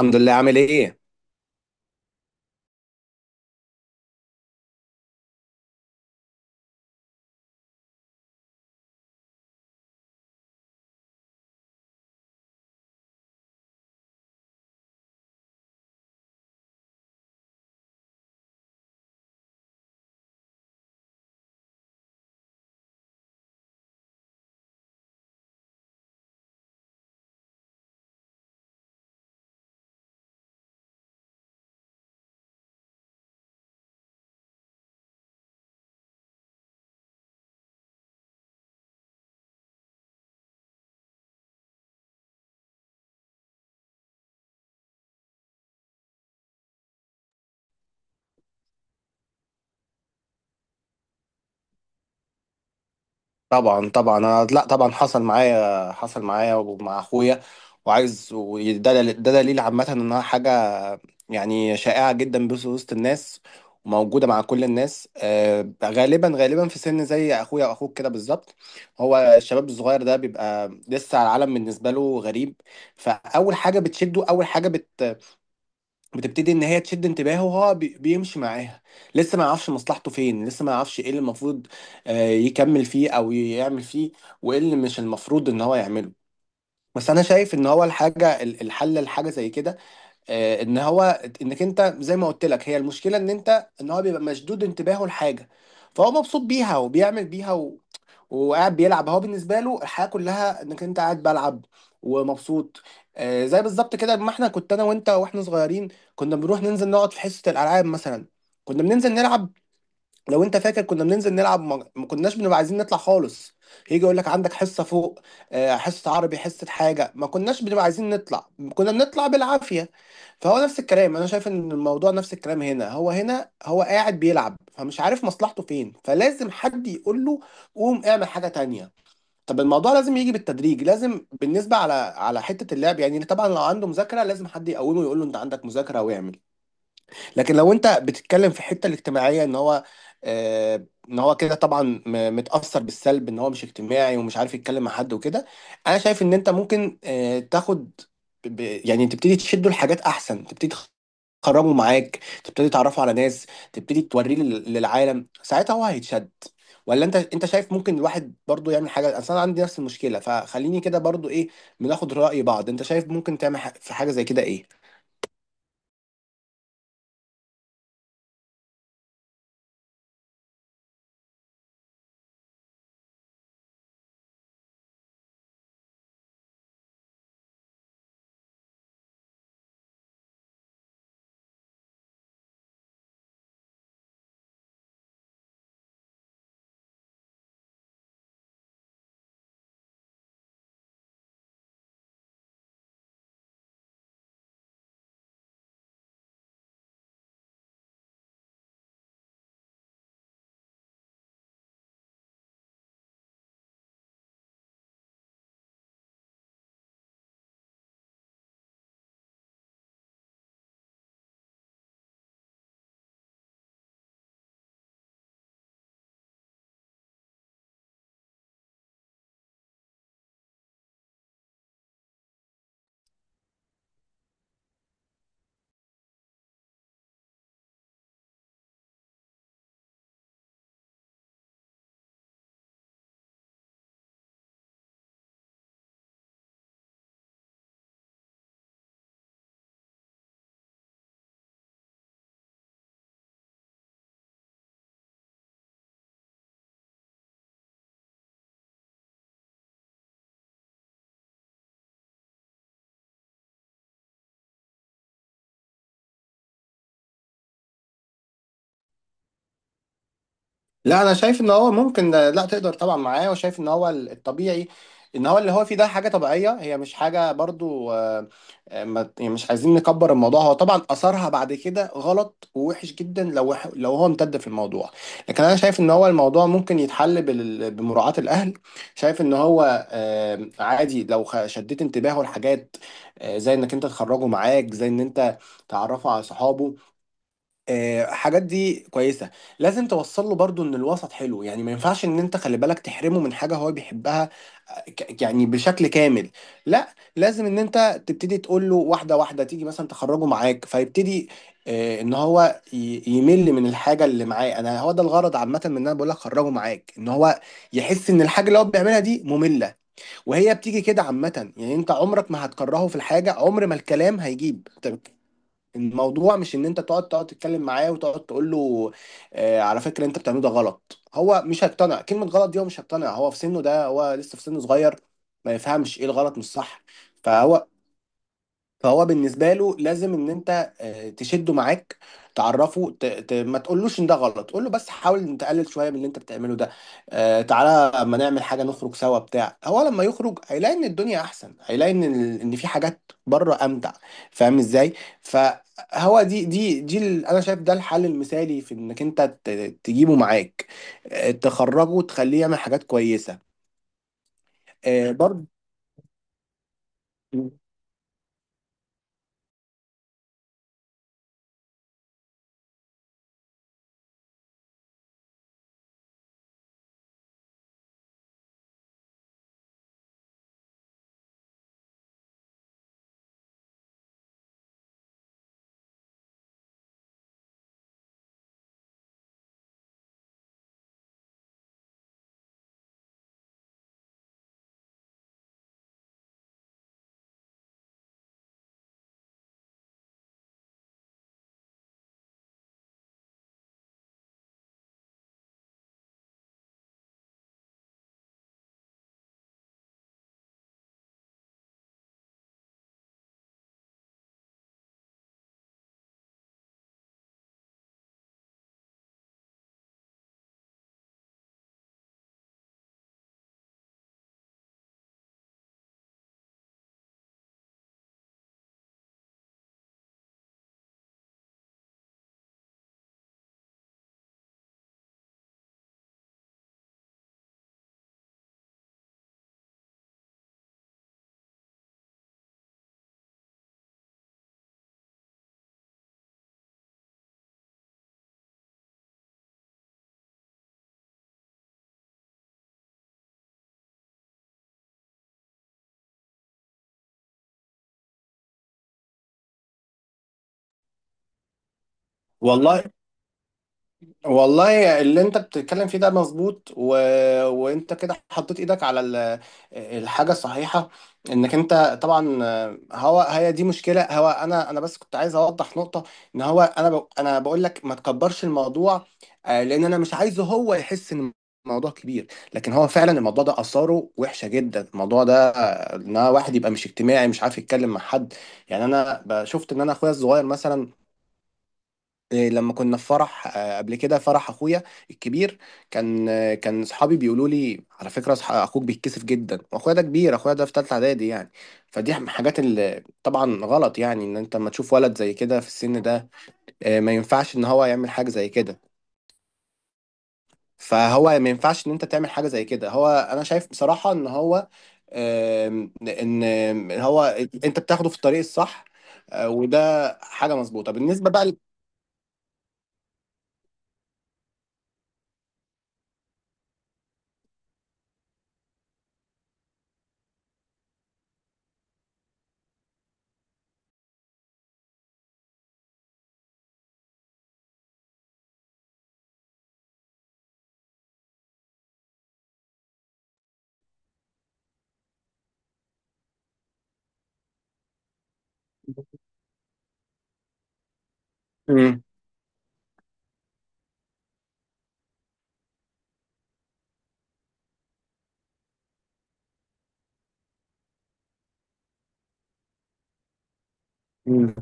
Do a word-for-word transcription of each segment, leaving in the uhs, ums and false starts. الحمد لله. عامل ايه؟ طبعا طبعا، أنا لا طبعا حصل معايا حصل معايا ومع اخويا. وعايز، وده دل- ده دليل عامه انها حاجه يعني شائعه جدا، بس وسط الناس وموجوده مع كل الناس. آه، غالبا غالبا في سن زي اخويا واخوك كده بالظبط. هو الشباب الصغير ده بيبقى لسه العالم بالنسبه له غريب، فاول حاجه بتشده، اول حاجه بت بتبتدي ان هي تشد انتباهه، وهو بي- بيمشي معاها. لسه ما يعرفش مصلحته فين، لسه ما يعرفش ايه اللي المفروض آه، يكمل فيه او يعمل فيه، وايه اللي مش المفروض ان هو يعمله. بس انا شايف ان هو الحاجه، ال- الحل لحاجه زي كده آه، ان هو انك انت زي ما قلت لك، هي المشكله ان انت ان هو بيبقى مشدود انتباهه لحاجه، فهو مبسوط بيها وبيعمل بيها وقاعد بيلعب. هو بالنسبه له الحياه كلها انك انت قاعد بلعب ومبسوط. آه، زي بالظبط كده، ما احنا كنت انا وانت واحنا صغيرين، كنا بنروح ننزل نقعد في حصه الالعاب مثلا، كنا بننزل نلعب. لو انت فاكر كنا بننزل نلعب، ما ما كناش بنبقى عايزين نطلع خالص. يجي يقول لك عندك حصه فوق، آه، حصه عربي حصه حاجه، ما كناش بنبقى عايزين نطلع، كنا بنطلع بالعافيه. فهو نفس الكلام، انا شايف ان الموضوع نفس الكلام هنا هو هنا هو قاعد بيلعب، فمش عارف مصلحته فين، فلازم حد يقول له قوم اعمل حاجه تانية. طب الموضوع لازم يجي بالتدريج، لازم بالنسبه على على حته اللعب يعني. طبعا لو عنده مذاكره، لازم حد يقومه يقول له انت عندك مذاكره واعمل. لكن لو انت بتتكلم في الحته الاجتماعيه، ان هو آه، ان هو كده طبعا م- متاثر بالسلب، ان هو مش اجتماعي ومش عارف يتكلم مع حد وكده. انا شايف ان انت ممكن آه، تاخد، ب- يعني تبتدي تشده لحاجات احسن، تبتدي تخرجه معاك، تبتدي تعرفه على ناس، تبتدي توريه لل- للعالم، ساعتها هو هيتشد. ولا انت انت شايف ممكن الواحد برضو يعمل حاجه؟ اصل انا عندي نفس المشكله، فخليني كده برضو ايه، بناخد راي بعض. انت شايف ممكن تعمل ح- في حاجه زي كده ايه؟ لا انا شايف ان هو ممكن، لا تقدر طبعا معاه. وشايف ان هو الطبيعي، ان هو اللي هو فيه ده حاجه طبيعيه، هي مش حاجه برضو. آه، آه، ما- يعني مش عايزين نكبر الموضوع. هو طبعا اثرها بعد كده غلط ووحش جدا، لو وح- لو هو امتد في الموضوع. لكن انا شايف ان هو الموضوع ممكن يتحل بال- بمراعاه الاهل. شايف ان هو آه، عادي لو خ- شديت انتباهه لحاجات، آه، زي انك انت تخرجه معاك، زي ان انت تعرفه على صحابه. آه، حاجات دي كويسة. لازم توصل له برضو ان الوسط حلو، يعني ما ينفعش ان انت خلي بالك تحرمه من حاجة هو بيحبها آه، ك- يعني بشكل كامل. لا لازم ان انت تبتدي تقول له واحدة واحدة، تيجي مثلا تخرجه معاك فيبتدي آه، ان هو ي- يمل من الحاجة اللي معاه. انا هو ده الغرض عامة من ان انا بقول لك خرجه معاك، ان هو يحس ان الحاجة اللي هو بيعملها دي مملة، وهي بتيجي كده عامة يعني. انت عمرك ما هتكرهه في الحاجة، عمر ما الكلام هيجيب. الموضوع مش ان انت تقعد تقعد تتكلم معاه وتقعد تقول له آه على فكره انت بتعمله ده غلط. هو مش هيقتنع، كلمه غلط دي هو مش هيقتنع، هو في سنه ده، هو لسه في سن صغير، ما يفهمش ايه الغلط مش صح. فهو فهو بالنسبه له لازم ان انت آه، تشده معاك، تعرفه، ت... ت... ما تقولوش ان ده غلط، قول له بس حاول ان تقلل شويه من اللي انت بتعمله ده. آه، تعالى اما نعمل حاجه، نخرج سوا بتاع. هو لما يخرج هيلاقي ان الدنيا احسن، هيلاقي ان ال... ان في حاجات بره امتع، فاهم ازاي؟ فهو دي دي دي ال... انا شايف ده الحل المثالي، في انك انت ت... تجيبه معاك، آه، تخرجه وتخليه يعمل حاجات كويسه. آه، برضه. والله. والله اللي انت بتتكلم فيه ده مظبوط، و... وانت كده حطيت ايدك على ال... الحاجه الصحيحه، انك انت طبعا. هو هي دي مشكله، هو انا انا بس كنت عايز اوضح نقطه، ان هو انا ب... انا بقول لك ما تكبرش الموضوع، آه، لان انا مش عايزه هو يحس ان الموضوع كبير. لكن هو فعلا الموضوع ده اثاره وحشه جدا، الموضوع ده آه، ان واحد يبقى مش اجتماعي، مش عارف يتكلم مع حد. يعني انا شفت ان انا اخويا الصغير مثلا، إيه، لما كنا في فرح، آه، قبل كده، فرح اخويا الكبير، كان آه، كان صحابي بيقولوا لي على فكره، صح- اخوك بيتكسف جدا. واخويا ده كبير، اخويا ده في ثالثه اعدادي يعني. فدي من الحاجات اللي طبعا غلط، يعني ان انت لما تشوف ولد زي كده في السن ده، آه، ما ينفعش ان هو يعمل حاجه زي كده. فهو ما ينفعش ان انت تعمل حاجه زي كده. هو انا شايف بصراحه ان هو، آم، ان إن هو انت بتاخده في الطريق الصح. آه، وده حاجه مظبوطه بالنسبه بقى ل... مم. مم.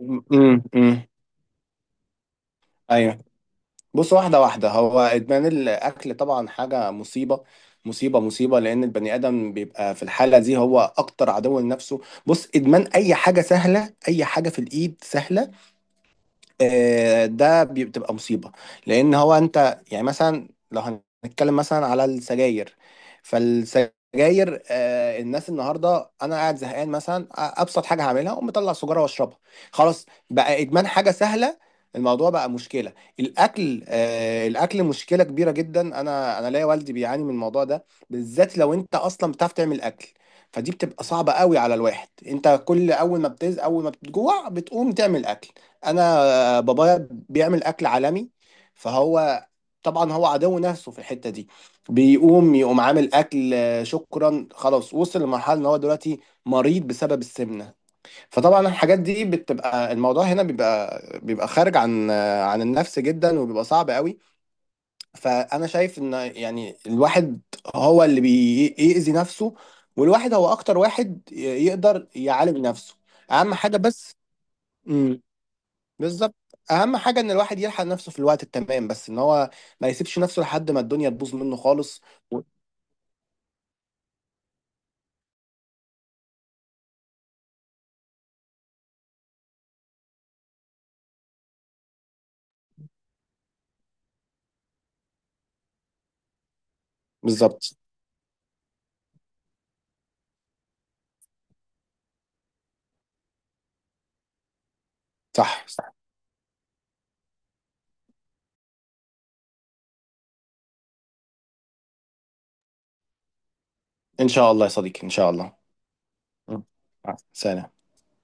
امم امم، ايوه. بص، واحده واحده، هو ادمان الاكل طبعا حاجه مصيبه مصيبه مصيبه، لان البني ادم بيبقى في الحاله دي هو اكتر عدو لنفسه. بص، ادمان اي حاجه سهله، اي حاجه في الايد سهله، آه، ده بي- بتبقى مصيبة. لأن هو أنت يعني مثلا، لو هنتكلم مثلا على السجاير، فالسجاير آه، الناس النهاردة، أنا قاعد زهقان مثلا، آه، أبسط حاجة هعملها أقوم مطلع سجارة وأشربها. خلاص بقى إدمان حاجة سهلة، الموضوع بقى مشكلة. الأكل آه الأكل مشكلة كبيرة جدا. أنا أنا ليا والدي بيعاني من الموضوع ده بالذات. لو أنت أصلا بتعرف تعمل أكل، فدي بتبقى صعبة قوي على الواحد، أنت كل أول ما بتز أول ما بتجوع بتقوم تعمل أكل. انا آه، بابايا بيعمل اكل عالمي، فهو طبعا هو عدو نفسه في الحته دي، بيقوم يقوم عامل اكل. آه، شكرا، خلاص وصل لمرحله ان هو دلوقتي مريض بسبب السمنه. فطبعا الحاجات دي بتبقى، الموضوع هنا بيبقى بيبقى خارج عن آه، عن النفس جدا، وبيبقى صعب قوي. فانا شايف ان يعني الواحد هو اللي بيأذي نفسه، والواحد هو اكتر واحد يقدر يعالج نفسه. اهم حاجه بس، بالظبط، اهم حاجه ان الواحد يلحق نفسه في الوقت التمام، بس ان هو ما يسيبش نفسه لحد ما الدنيا تبوظ منه خالص. و... بالظبط. صح صح. ان شاء الله يا صديقي، ان شاع الله. م. سلام.